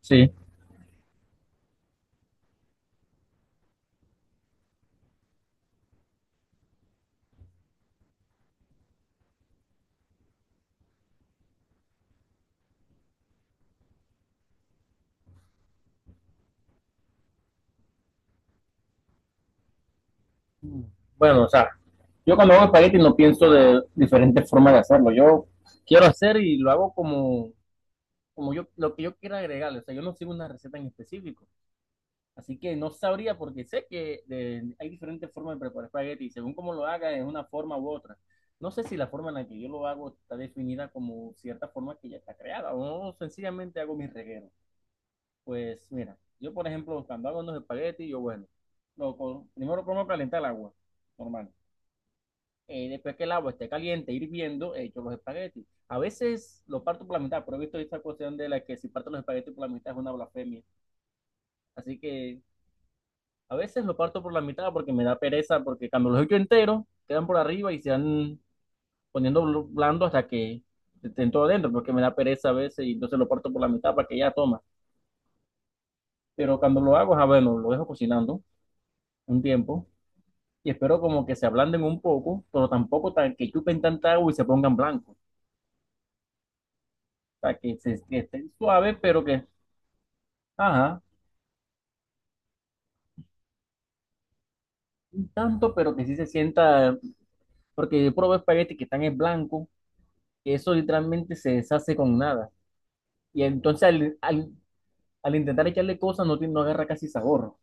Sí. Bueno, o sea, yo cuando hago espagueti no pienso de diferentes formas de hacerlo. Yo quiero hacer y lo hago como, como yo, lo que yo quiera agregarle. O sea, yo no sigo una receta en específico. Así que no sabría porque sé que hay diferentes formas de preparar espagueti y según cómo lo haga es una forma u otra. No sé si la forma en la que yo lo hago está definida como cierta forma que ya está creada o sencillamente hago mis regueros. Pues mira, yo por ejemplo, cuando hago unos espaguetis, yo bueno, primero pongo a calentar el agua, normal. Después que el agua esté caliente, hirviendo, he hecho los espaguetis. A veces lo parto por la mitad, pero he visto esta cuestión de la que si parto los espaguetis por la mitad es una blasfemia. Así que a veces lo parto por la mitad porque me da pereza, porque cuando los echo enteros, quedan por arriba y se van poniendo blando hasta que estén todo adentro, porque me da pereza a veces y entonces lo parto por la mitad para que ya toma. Pero cuando lo hago, bueno, lo dejo cocinando un tiempo y espero como que se ablanden un poco, pero tampoco tan que chupen tanta agua y se pongan blancos. Sea, que, se, que estén suaves, pero que, ajá, un tanto, pero que sí se sienta, porque yo probé espagueti que están en blanco, que eso literalmente se deshace con nada. Y entonces al intentar echarle cosas no, no agarra casi sabor.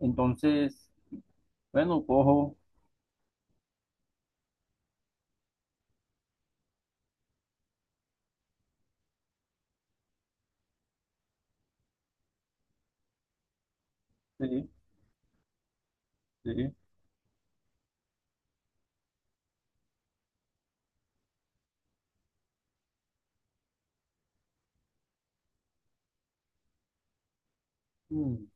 Entonces, bueno, cojo, sí, sí, mm,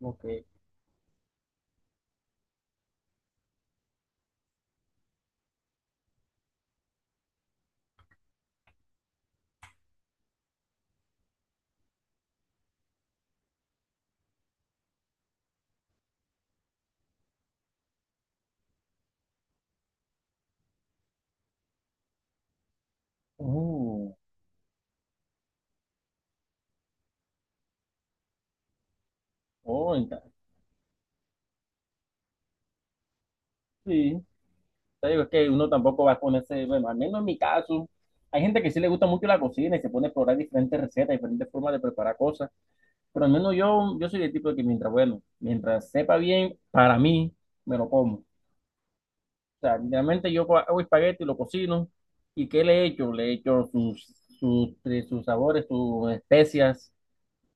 ok. Uh, oh, sí, te digo, es que uno tampoco va a ponerse, bueno, al menos en mi caso, hay gente que sí le gusta mucho la cocina y se pone a explorar diferentes recetas, diferentes formas de preparar cosas. Pero al menos yo, soy el tipo de que mientras, bueno, mientras sepa bien, para mí, me lo como. O sea, literalmente yo hago espagueti, lo cocino, ¿y qué le echo? Le echo sus, sus sabores, sus especias,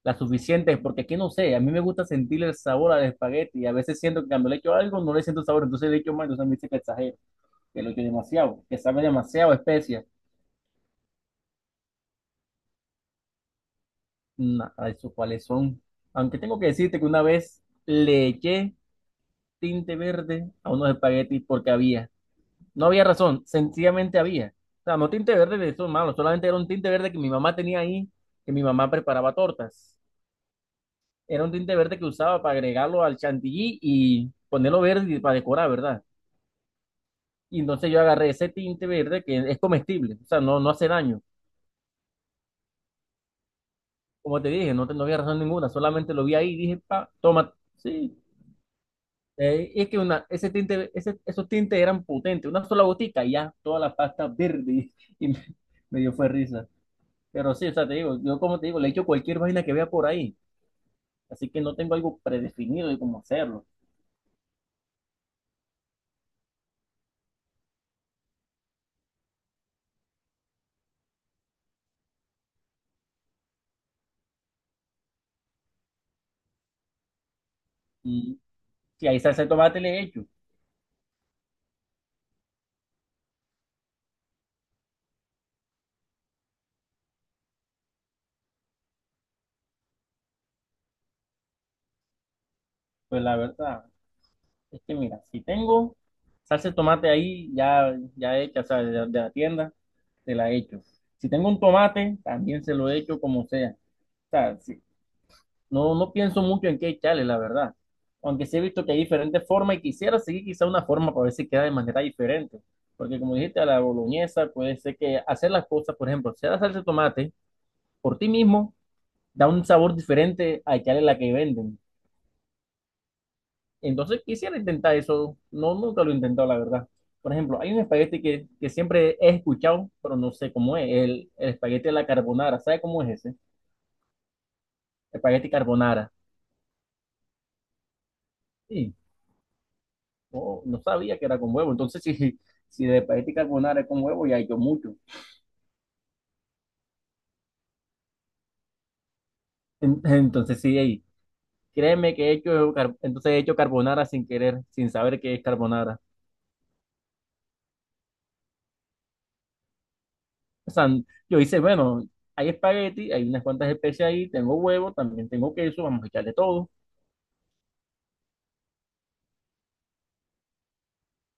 las suficientes, porque aquí no sé, a mí me gusta sentir el sabor al espagueti, y a veces siento que cuando le echo algo no le siento el sabor, entonces le echo más, entonces me dice que exagero, que lo echo demasiado, que sabe demasiado a especias. Nada, eso cuáles son. Aunque tengo que decirte que una vez le eché tinte verde a unos espaguetis porque había. No había razón, sencillamente había. O sea, no tinte verde de esos malos, solamente era un tinte verde que mi mamá tenía ahí, que mi mamá preparaba tortas. Era un tinte verde que usaba para agregarlo al chantilly y ponerlo verde y para decorar, ¿verdad? Y entonces yo agarré ese tinte verde que es comestible, o sea, no, no hace daño. Como te dije, no, no había razón ninguna, solamente lo vi ahí y dije, pa, toma, sí. Y es que una, ese tinte, esos tintes eran potentes, una sola botica y ya toda la pasta verde y me dio fue risa. Pero sí, o sea, te digo, yo como te digo, le echo cualquier vaina que vea por ahí, así que no tengo algo predefinido de cómo hacerlo. Y si hay salsa de tomate le echo, pues la verdad es que mira, si tengo salsa de tomate ahí ya, ya hecha, o sea, de la tienda, se la echo. Si tengo un tomate, también se lo echo como sea. O sea, si- No, no pienso mucho en qué echarle, la verdad. Aunque sí he visto que hay diferentes formas y quisiera seguir quizá una forma para ver si queda de manera diferente. Porque como dijiste, a la boloñesa puede ser que hacer las cosas, por ejemplo, hacer la salsa de tomate por ti mismo da un sabor diferente a echarle la que venden. Entonces quisiera intentar eso. No, nunca lo he intentado, la verdad. Por ejemplo, hay un espagueti que siempre he escuchado, pero no sé cómo es, el espagueti de la carbonara. ¿Sabe cómo es ese? Espagueti carbonara. Sí. No, no sabía que era con huevo. Entonces, si, si de espagueti carbonara es con huevo, ya he hecho mucho. En- Entonces, sí, ey, créeme que he hecho, entonces he hecho carbonara sin querer, sin saber qué es carbonara. O sea, yo hice, bueno, hay espagueti, hay unas cuantas especies ahí, tengo huevo, también tengo queso, vamos a echarle todo.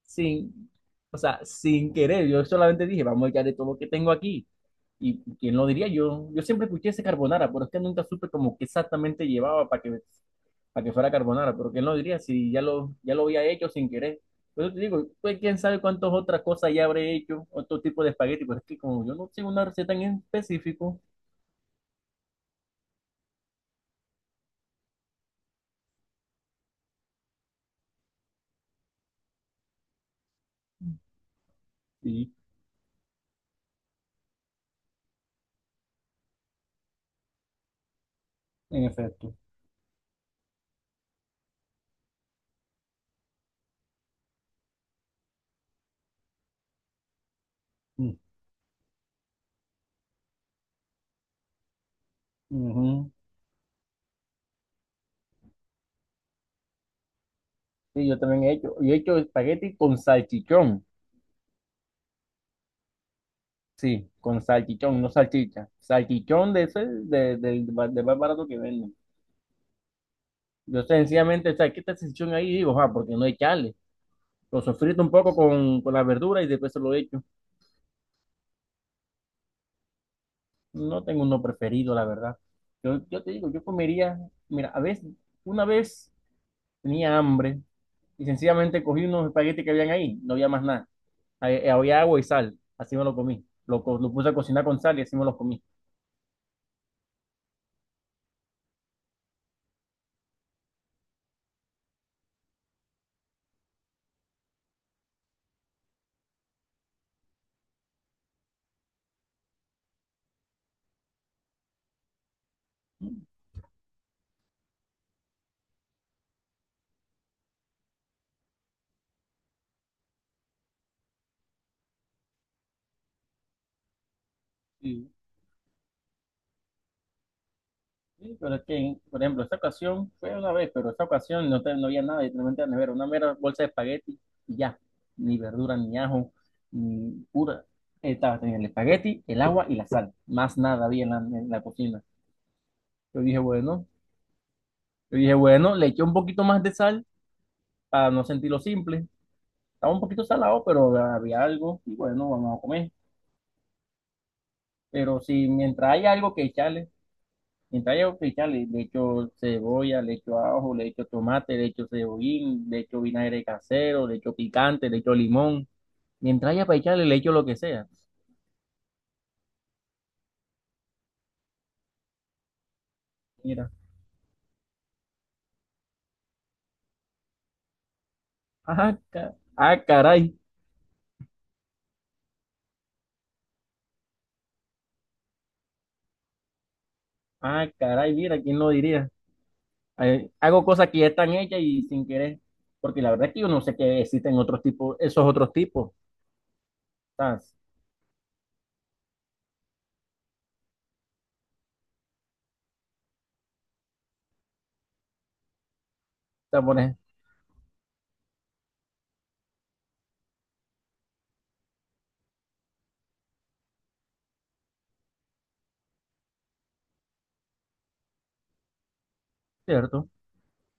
Sin, o sea, sin querer, yo solamente dije, vamos a echarle todo lo que tengo aquí. Y quién lo diría yo, siempre escuché ese carbonara, pero es que nunca supe como que exactamente llevaba para que fuera carbonara, pero quién lo diría si ya lo, ya lo había hecho sin querer. Por eso te digo, pues quién sabe cuántas otras cosas ya habré hecho, otro tipo de espagueti, pero es que como yo no tengo una receta en específico, sí, en efecto. Mm. Ujú. Sí, yo también he hecho. Yo he hecho espagueti con salchichón. Sí, con salchichón, no salchicha. Salchichón de ese, de, del más barato que venden. Yo sencillamente, o sea, quita esa sección ahí y digo, ah, porque no hay chale. Lo sofrito un poco con la verdura y después se lo echo. No tengo uno preferido, la verdad. Yo, te digo, yo comería, mira, a veces, una vez tenía hambre y sencillamente cogí unos espaguetis que habían ahí, no había más nada. Había agua y sal, así me lo comí. Lo puse a cocinar con sal y así me lo comí. Sí, pero es que, por ejemplo, esta ocasión fue una vez, pero esta ocasión no, no había nada, literalmente la nevera, una mera bolsa de espagueti y ya, ni verdura, ni ajo, ni pura. Estaba teniendo el espagueti, el agua y la sal, más nada había en la cocina. Yo dije, bueno, yo dije, bueno, le eché un poquito más de sal para no sentirlo simple. Estaba un poquito salado, pero había algo y bueno, vamos a comer. Pero si mientras hay algo que echarle, mientras haya oficiales, le echo cebolla, le echo ajo, le echo tomate, le echo cebollín, le echo vinagre casero, le echo picante, le echo limón. Mientras haya para echarle, le echo lo que sea. Mira, ah, ca- ah, caray, ah, caray, mira, ¿quién lo diría? Hago cosas que ya están hechas y sin querer, porque la verdad es que yo no sé que existen otros tipos, esos otros tipos, ¿sabes? Está por ej- ¿cierto?